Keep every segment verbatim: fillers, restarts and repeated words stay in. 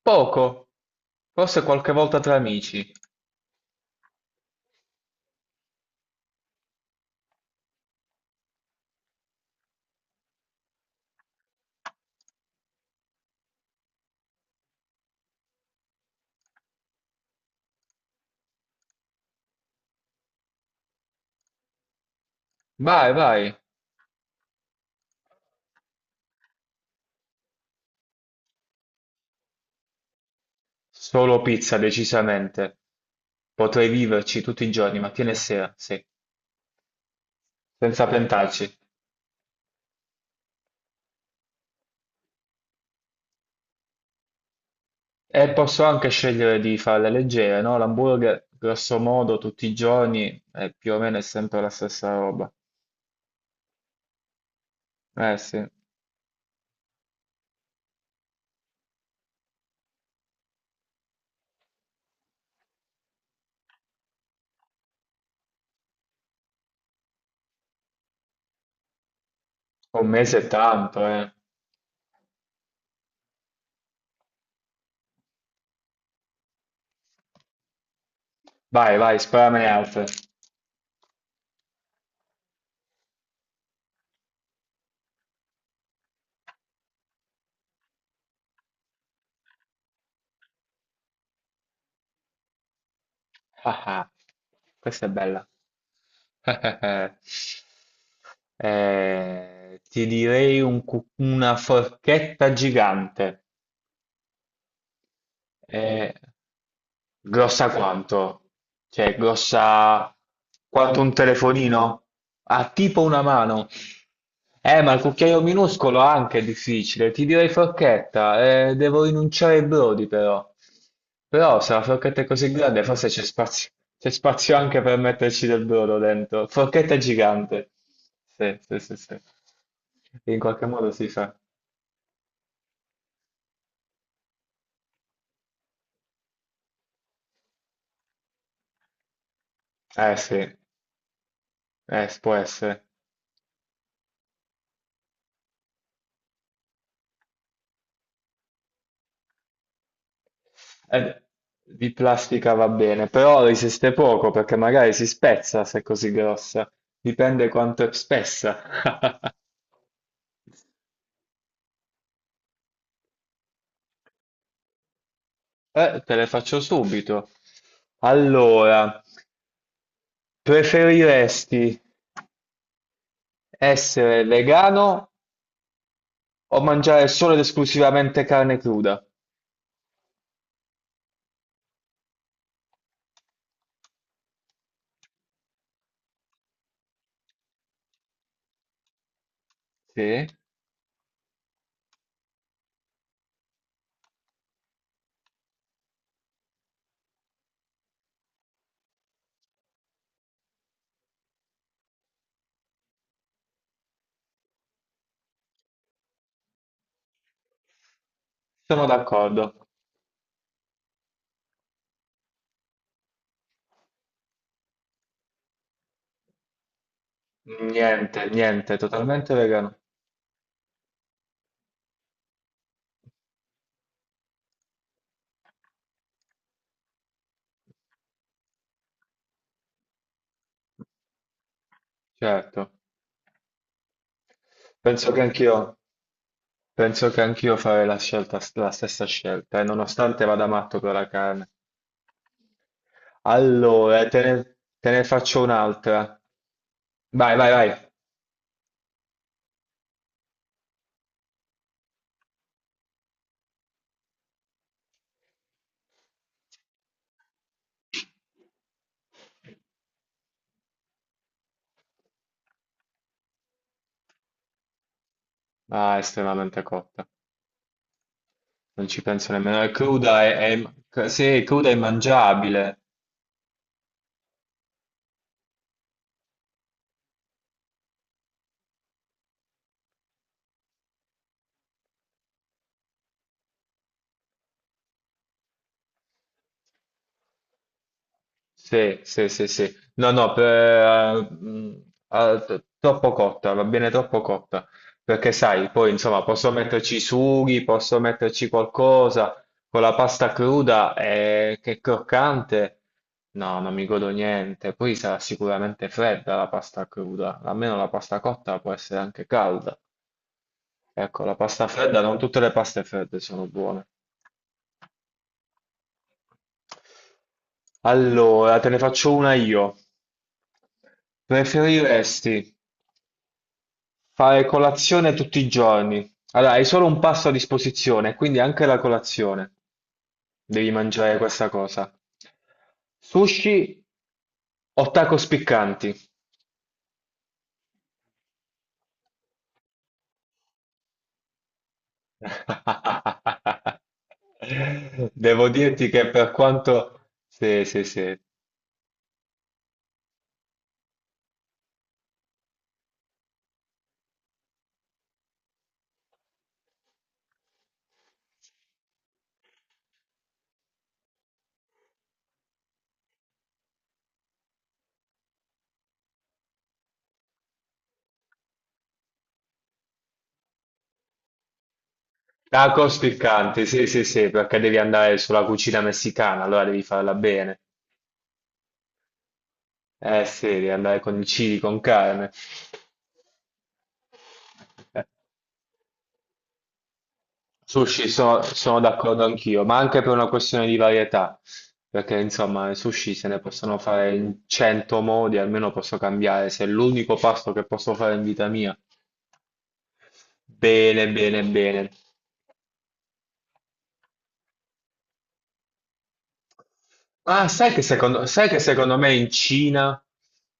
Poco, forse qualche volta tra amici. Vai, vai. Solo pizza, decisamente. Potrei viverci tutti i giorni, mattina e sera, sì, senza pentarci. E posso anche scegliere di farle leggere, no? L'hamburger, grosso modo, tutti i giorni, eh, più o meno è sempre la stessa roba. Eh sì, un mese è tanto, eh. Vai, vai, sparamene altre. Ah ah, questa è bella. Eh, ti direi un cu- una forchetta gigante. È grossa quanto? Cioè, grossa quanto un telefonino? Ha tipo una mano. Eh, ma il cucchiaio minuscolo anche è difficile. Ti direi forchetta. Eh, devo rinunciare ai brodi, però. Però, se la forchetta è così grande, forse c'è spazio. C'è spazio anche per metterci del brodo dentro. Forchetta gigante. Sì, sì, sì, sì. In qualche modo si fa. Eh sì, eh, può essere. Eh, di plastica va bene, però resiste poco perché magari si spezza se è così grossa. Dipende quanto è spessa. Eh, te le faccio subito. Allora, preferiresti essere vegano o mangiare solo ed esclusivamente carne cruda? Sì, sono d'accordo. Niente, niente, totalmente vegano. Certo, penso che anch'io. Penso che anch'io farei la scelta, la stessa scelta, e nonostante vada matto per la carne. Allora, te ne, te ne faccio un'altra. Vai, vai, vai. Ah, è estremamente cotta. Non ci penso nemmeno. È cruda, è, è- sì, è cruda e mangiabile. Sì, sì, sì, sì. No, no, per- eh, mm, ah, t- troppo cotta, va bene troppo cotta, perché sai, poi insomma posso metterci i sughi, posso metterci qualcosa, con la pasta cruda eh, che è croccante, no, non mi godo niente, poi sarà sicuramente fredda la pasta cruda, almeno la pasta cotta può essere anche calda. Ecco, la pasta fredda, non tutte le paste fredde sono buone. Allora, te ne faccio una io. Preferiresti fare colazione tutti i giorni? Allora, hai solo un pasto a disposizione, quindi anche la colazione. Devi mangiare questa cosa. Sushi o tacos piccanti? Devo dirti che per quanto... Sì, sì, sì. Tacos piccanti, sì, sì, sì, perché devi andare sulla cucina messicana, allora devi farla bene. Eh sì, riandare con i cibi, con carne. Sushi so- sono d'accordo anch'io, ma anche per una questione di varietà, perché insomma i sushi se ne possono fare in cento modi, almeno posso cambiare, se è l'unico pasto che posso fare in vita mia, bene, bene, bene. Ah, sai che secondo, sai che secondo me in Cina,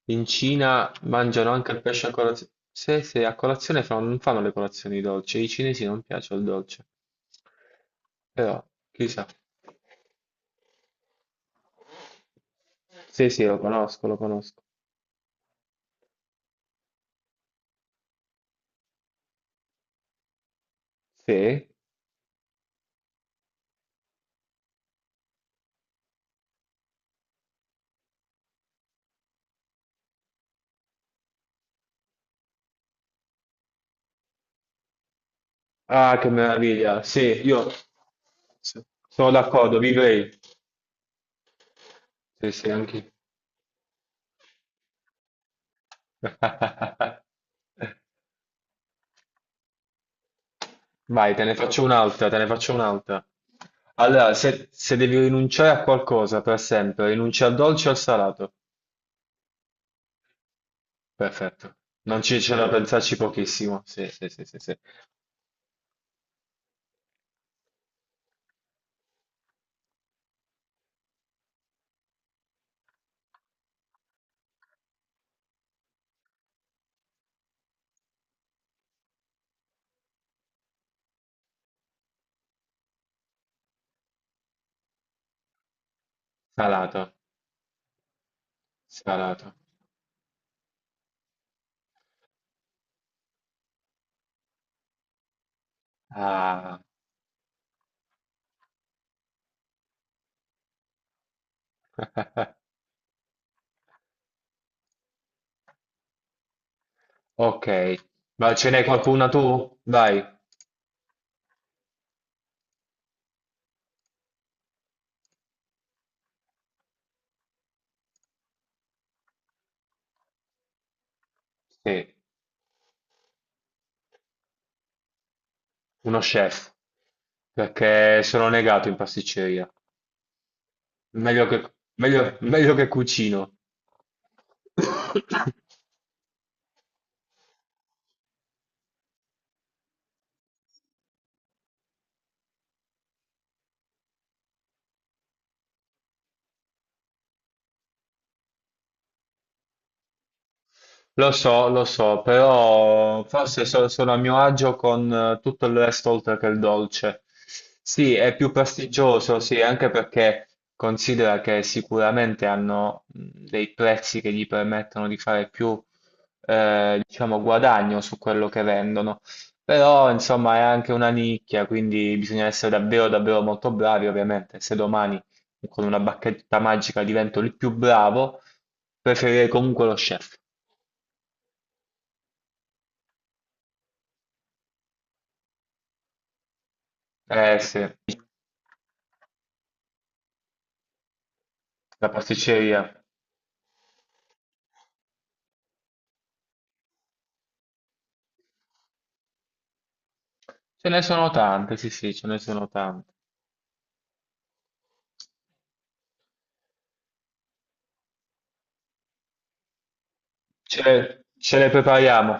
in Cina mangiano anche il pesce a colazione. Se, se a colazione fanno- non fanno le colazioni dolci, ai cinesi non piace il dolce. Però, chissà. Sì, sì, lo conosco, lo conosco. Sì. Ah, che meraviglia. Sì, io sono d'accordo, vivrei. Sì, sì, anche. Vai, te ne faccio un'altra, te ne faccio un'altra. Allora, se, se devi rinunciare a qualcosa per sempre, rinuncia al dolce o al salato? Perfetto. Non ci c'è da pensarci pochissimo. Sì, sì, sì, sì, sì. Salato, salato. Ah, ok. Ma ce n'è qualcuna tu? Vai. Sì, uno chef. Perché sono negato in pasticceria. Meglio che, meglio meglio che cucino. Lo so, lo so, però forse so- sono a mio agio con eh, tutto il resto oltre che il dolce. Sì, è più prestigioso, sì, anche perché considera che sicuramente hanno mh, dei prezzi che gli permettono di fare più, eh, diciamo, guadagno su quello che vendono. Però, insomma, è anche una nicchia, quindi bisogna essere davvero, davvero molto bravi, ovviamente. Se domani con una bacchetta magica divento il più bravo, preferirei comunque lo chef. Eh sì, la pasticceria. Ce ne sono tante, sì sì, ce ne sono tante. Ce le, ce le prepariamo.